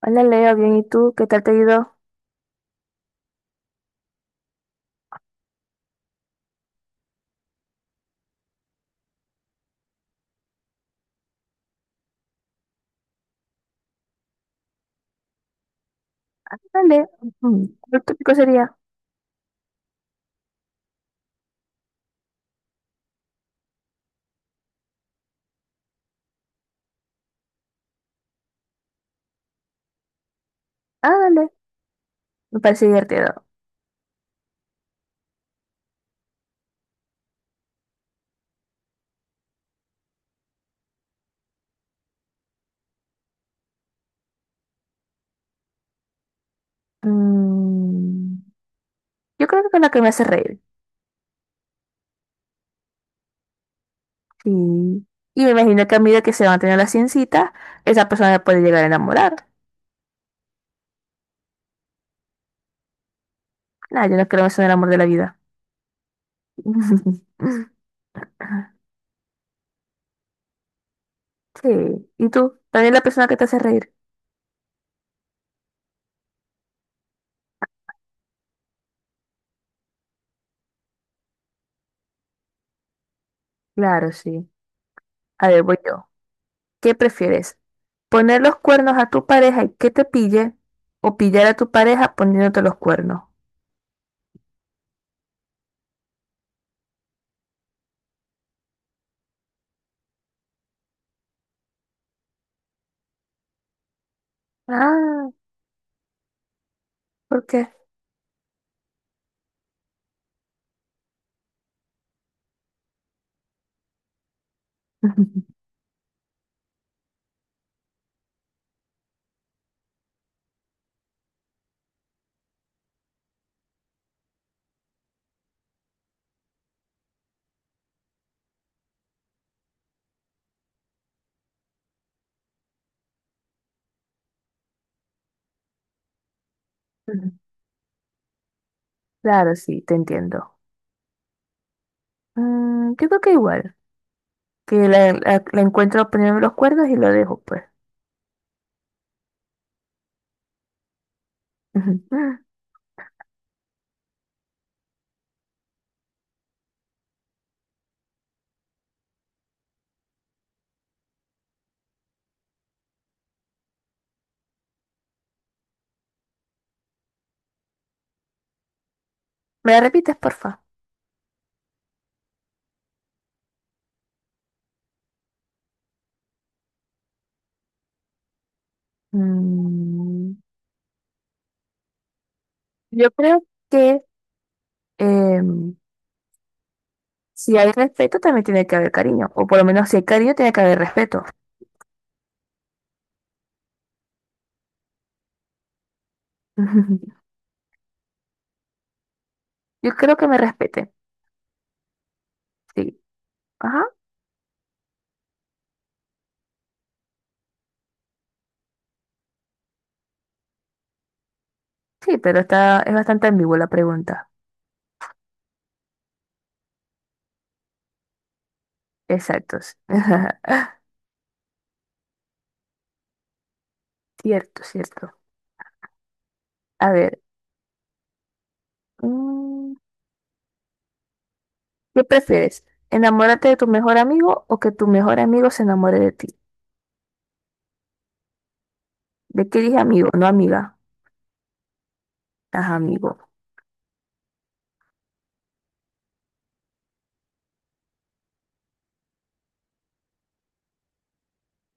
Hola Leo, bien, ¿y tú? ¿Qué tal te ayudó? Ah, dale. Ujú. ¿Cuál tópico sería? Ah, dale. Me parece divertido. Mm, yo creo que con la que me hace reír. Sí. Y me imagino que a medida que se van a tener las ciencitas, esa persona me puede llegar a enamorar. Nada, yo no creo eso en el amor de la vida. Sí. ¿Y tú? ¿También la persona que te hace reír? Claro, sí. A ver, voy yo. ¿Qué prefieres? ¿Poner los cuernos a tu pareja y que te pille? ¿O pillar a tu pareja poniéndote los cuernos? Ah, ¿por qué? Claro, sí, te entiendo. Yo creo que igual, que la encuentro poniendo los cuernos y lo dejo, pues. Ujú. ¿Me la repites, porfa? Mm, yo creo que em, si hay respeto también tiene que haber cariño, o por lo menos si hay cariño tiene que haber respeto. Yo creo que me respete, sí. Ajá, sí, pero está, es bastante ambigua la pregunta. Exacto. Sí. Cierto, cierto. A ver. mm, ¿Qué prefieres? ¿Enamorarte de tu mejor amigo o que tu mejor amigo se enamore de ti? ¿De qué dije amigo? No amiga. Ajá, amigo.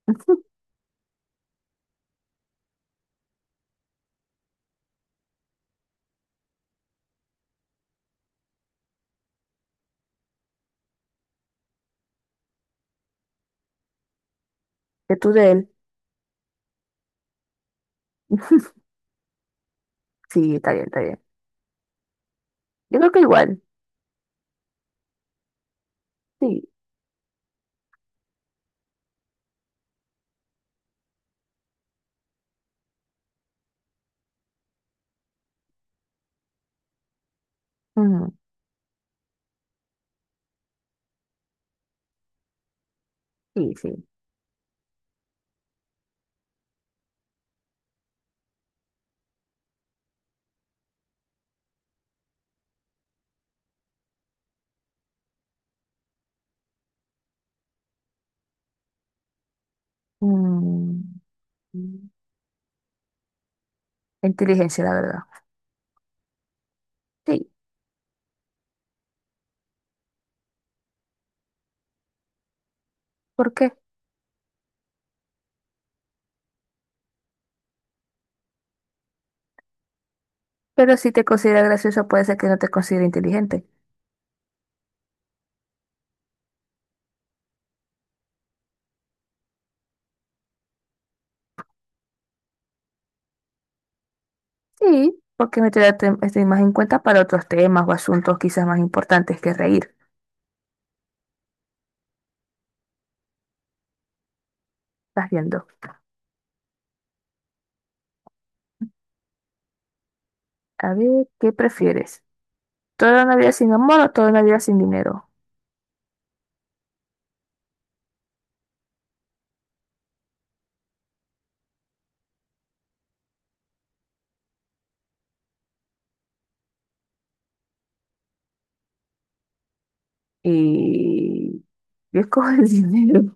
¿Que tú de él? Sí, está bien, está bien. Yo creo que igual. Sí. Ujú. Sí, sí. Mm, inteligencia, la verdad. Sí. ¿Por qué? Pero si te considera gracioso, puede ser que no te considere inteligente. Sí, porque me te estoy más en cuenta para otros temas o asuntos quizás más importantes que reír. Estás viendo. A ver, ¿qué prefieres? Toda una vida sin amor o toda una vida sin dinero. Y yo escojo el dinero.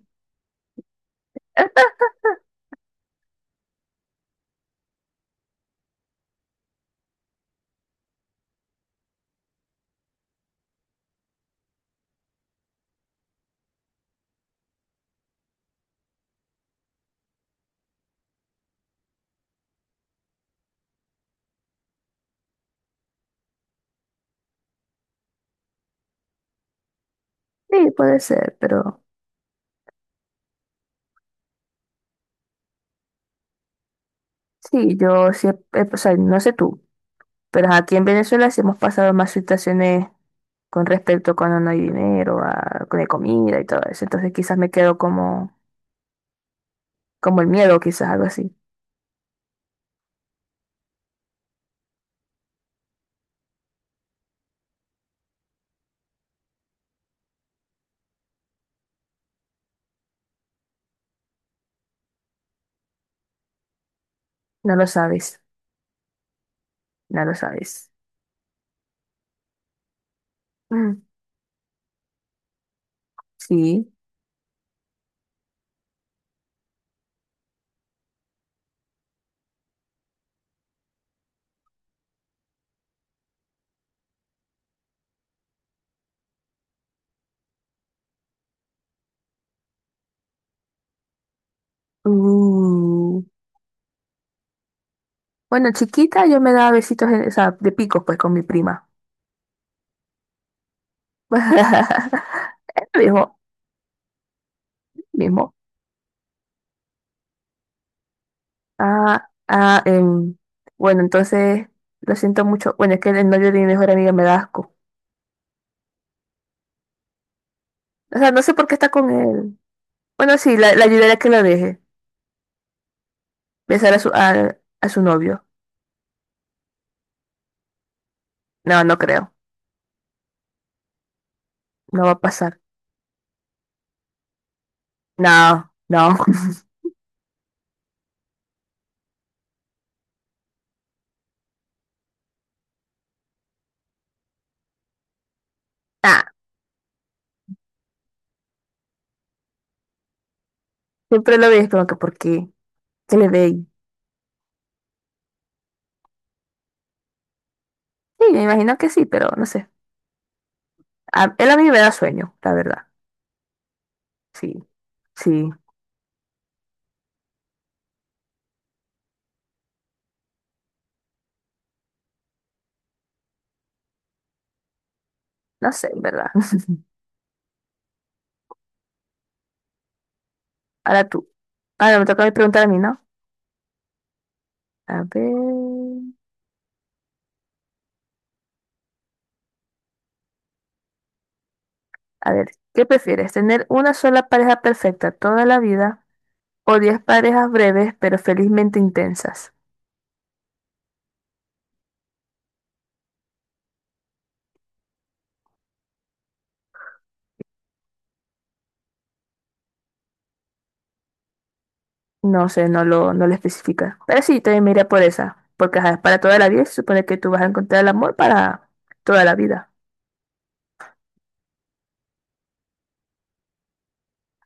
Sí, puede ser, pero sí, yo siempre, o sea, no sé tú, pero aquí en Venezuela sí hemos pasado más situaciones con respecto a cuando no hay dinero, a, con la comida y todo eso. Entonces quizás me quedo como, como el miedo, quizás algo así. No lo sabes, no lo sabes. Mm, Sí. Uh. Bueno, chiquita yo me daba besitos, en- o sea, de picos pues con mi prima. Ella me dijo, mismo. Ah, ah, bueno, entonces lo siento mucho. Bueno, es que el novio de mi mejor amiga me da asco. O sea, no sé por qué está con él. Bueno, sí, la ayudaré a que lo deje. Besar a su novio. No, no creo. No va a pasar. No, no. Ah, siempre lo veis como que ¿por qué? ¿Qué le veis? Sí, me imagino que sí, pero no sé. A- él a mí me da sueño, la verdad. Sí, sí. No sé, en verdad. Ahora tú. Ahora me toca preguntar a mí, ¿no? A ver. A ver, ¿qué prefieres? ¿Tener una sola pareja perfecta toda la vida o 10 parejas breves pero felizmente intensas? No sé, no lo especifica. Pero sí, también me iría por esa. Porque ajá, para toda la vida se supone que tú vas a encontrar el amor para toda la vida.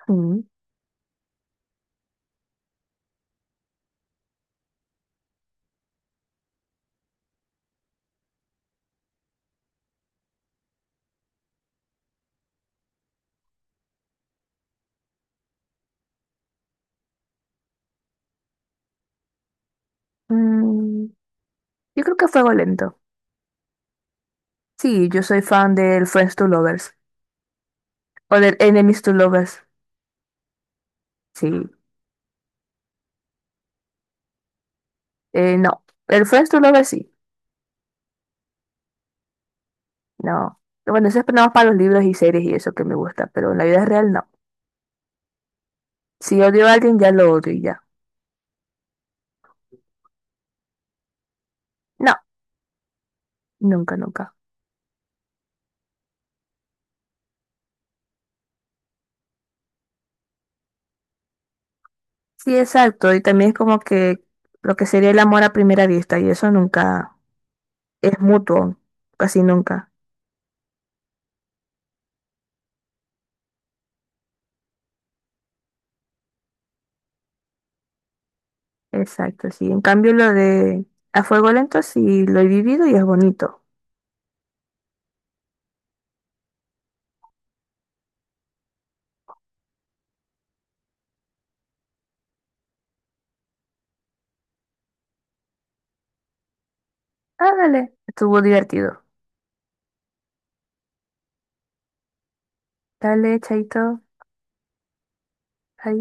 Mm. Mm, yo creo que fuego lento. Sí, yo soy fan del Friends to Lovers. O del Enemies to Lovers. Sí. No. El Friends to Lovers sí. No. Bueno, eso es nada más para los libros y series y eso que me gusta, pero en la vida real no. Si odio a alguien, ya lo odio y ya. No, nunca, nunca. Sí, exacto. Y también es como que lo que sería el amor a primera vista y eso nunca es mutuo, casi nunca. Exacto, sí. En cambio, lo de a fuego lento sí lo he vivido y es bonito. Ah, dale. Estuvo divertido. Dale, chaito. Adiós.